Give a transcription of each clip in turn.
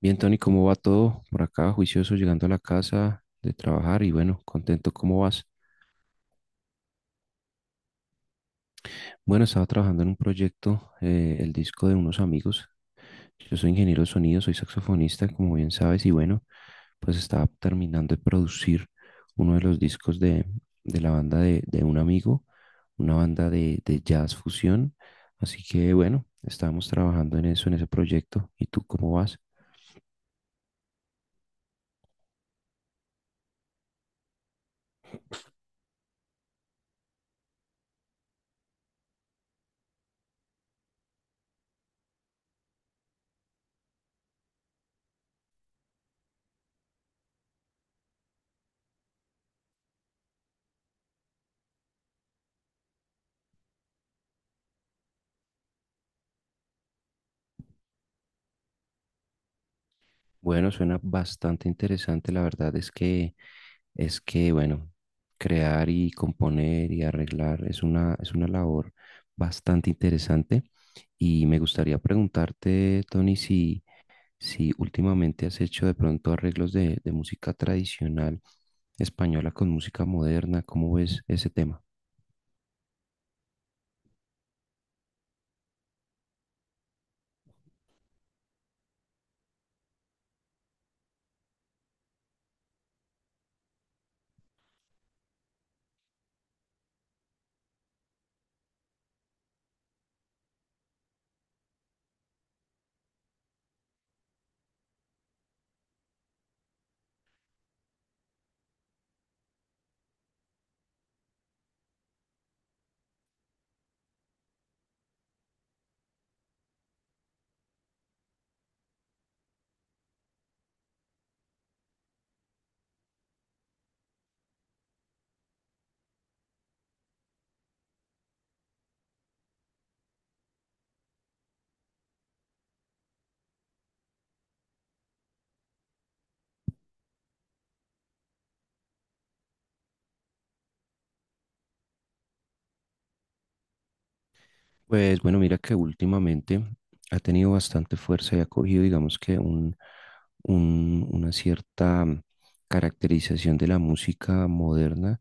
Bien, Tony, ¿cómo va todo? Por acá, juicioso, llegando a la casa de trabajar y bueno, contento, ¿cómo vas? Bueno, estaba trabajando en un proyecto, el disco de unos amigos. Yo soy ingeniero de sonido, soy saxofonista, como bien sabes, y bueno, pues estaba terminando de producir uno de los discos de la banda de un amigo, una banda de jazz fusión. Así que bueno, estábamos trabajando en eso, en ese proyecto. ¿Y tú cómo vas? Bueno, suena bastante interesante. La verdad es que bueno, crear y componer y arreglar es una labor bastante interesante y me gustaría preguntarte, Tony, si últimamente has hecho de pronto arreglos de música tradicional española con música moderna, ¿cómo ves ese tema? Pues bueno, mira que últimamente ha tenido bastante fuerza y ha cogido, digamos que un, una cierta caracterización de la música moderna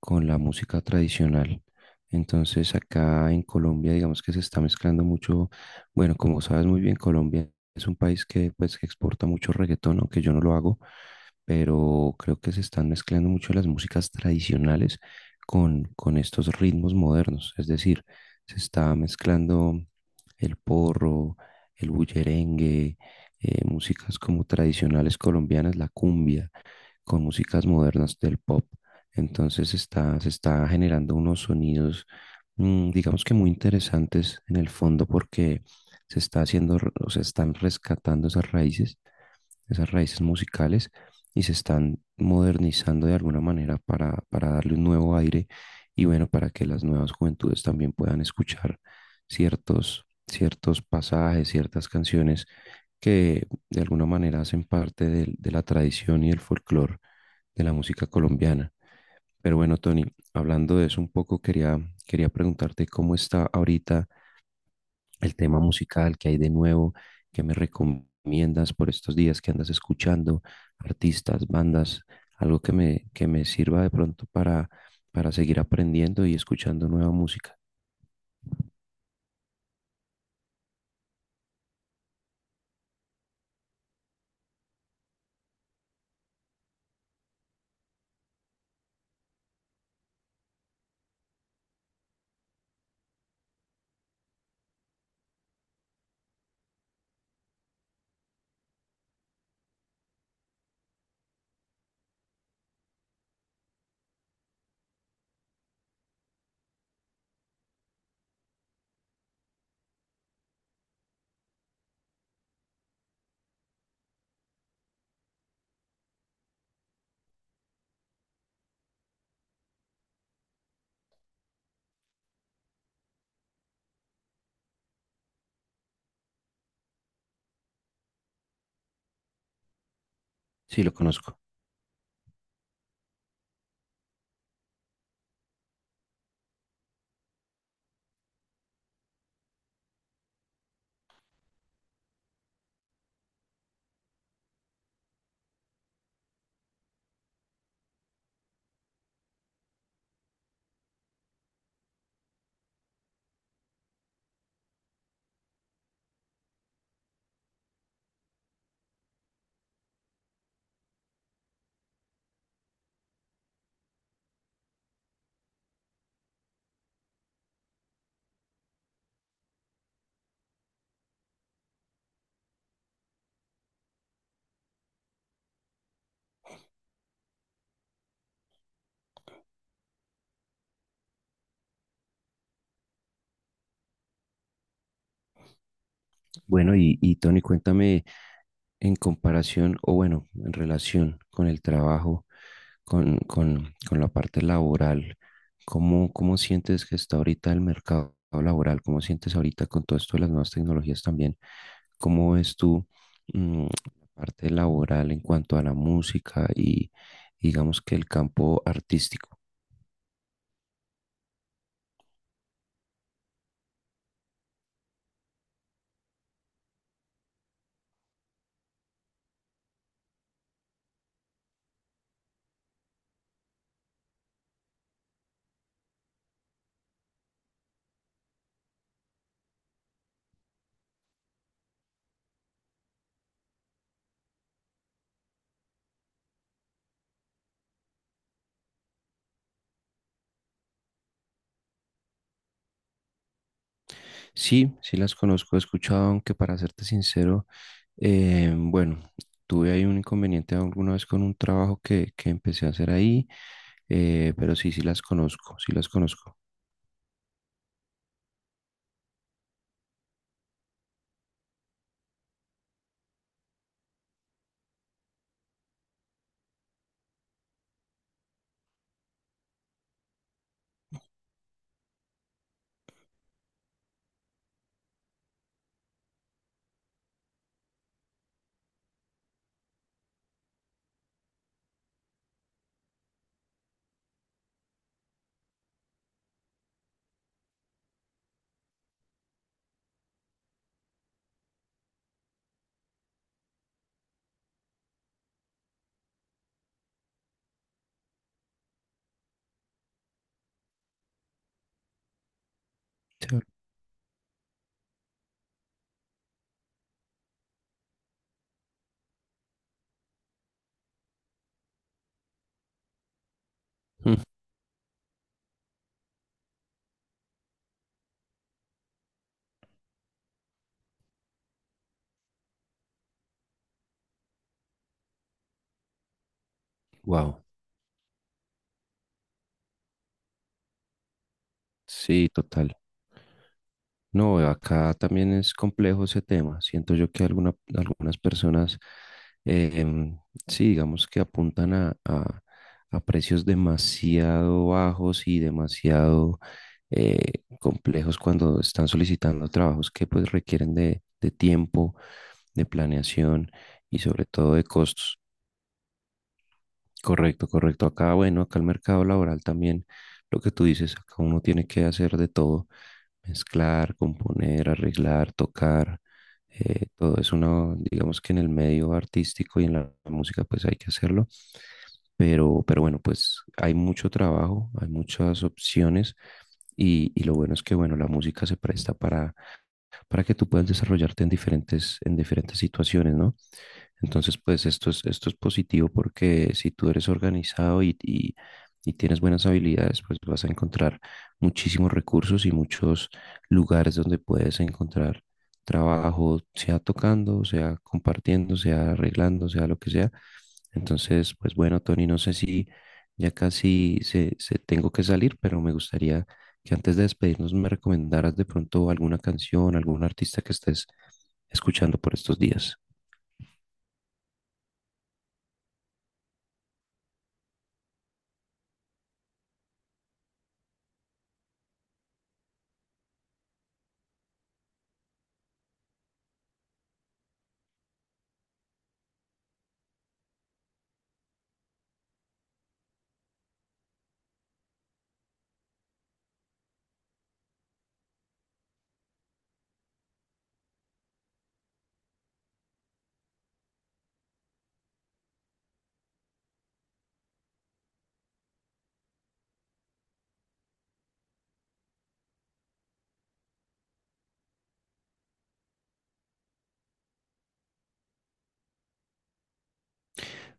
con la música tradicional. Entonces acá en Colombia, digamos que se está mezclando mucho, bueno, como sabes muy bien, Colombia es un país que pues que exporta mucho reggaetón, aunque yo no lo hago, pero creo que se están mezclando mucho las músicas tradicionales con estos ritmos modernos, es decir, se está mezclando el porro, el bullerengue, músicas como tradicionales colombianas, la cumbia con músicas modernas del pop. Entonces está, se está generando unos sonidos, digamos que muy interesantes en el fondo porque se está haciendo, o se están rescatando esas raíces musicales y se están modernizando de alguna manera para darle un nuevo aire y bueno, para que las nuevas juventudes también puedan escuchar ciertos, ciertos pasajes, ciertas canciones que de alguna manera hacen parte de la tradición y el folclore de la música colombiana. Pero bueno, Tony, hablando de eso un poco, quería, quería preguntarte cómo está ahorita el tema musical que hay de nuevo, que me recomiendas por estos días que andas escuchando, artistas, bandas, algo que me sirva de pronto para seguir aprendiendo y escuchando nueva música. Sí, lo conozco. Bueno, y Tony, cuéntame en comparación o bueno, en relación con el trabajo, con la parte laboral. ¿Cómo, cómo sientes que está ahorita el mercado laboral? ¿Cómo sientes ahorita con todo esto de las nuevas tecnologías también? ¿Cómo ves tú la parte laboral en cuanto a la música y digamos que el campo artístico? Sí, sí las conozco, he escuchado, aunque para serte sincero, bueno, tuve ahí un inconveniente alguna vez con un trabajo que empecé a hacer ahí, pero sí, sí las conozco, sí las conozco. Wow, sí, total. No, acá también es complejo ese tema. Siento yo que algunas personas, eh, em, sí, digamos que apuntan a, a precios demasiado bajos y demasiado complejos cuando están solicitando trabajos que pues requieren de tiempo, de planeación y sobre todo de costos. Correcto, correcto. Acá, bueno, acá el mercado laboral también, lo que tú dices, acá uno tiene que hacer de todo, mezclar, componer, arreglar, tocar, todo es una, digamos que en el medio artístico y en la música pues hay que hacerlo, pero bueno, pues hay mucho trabajo, hay muchas opciones y lo bueno es que bueno, la música se presta para que tú puedas desarrollarte en diferentes situaciones, ¿no? Entonces, pues esto es positivo porque si tú eres organizado y tienes buenas habilidades, pues vas a encontrar muchísimos recursos y muchos lugares donde puedes encontrar trabajo, sea tocando, sea compartiendo, sea arreglando, sea lo que sea. Entonces, pues bueno, Tony, no sé si ya casi se tengo que salir, pero me gustaría que antes de despedirnos me recomendaras de pronto alguna canción, algún artista que estés escuchando por estos días.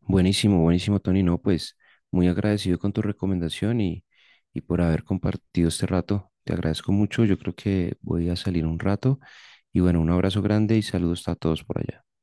Buenísimo, buenísimo, Tony. No, pues muy agradecido con tu recomendación y por haber compartido este rato. Te agradezco mucho. Yo creo que voy a salir un rato. Y bueno, un abrazo grande y saludos a todos por allá.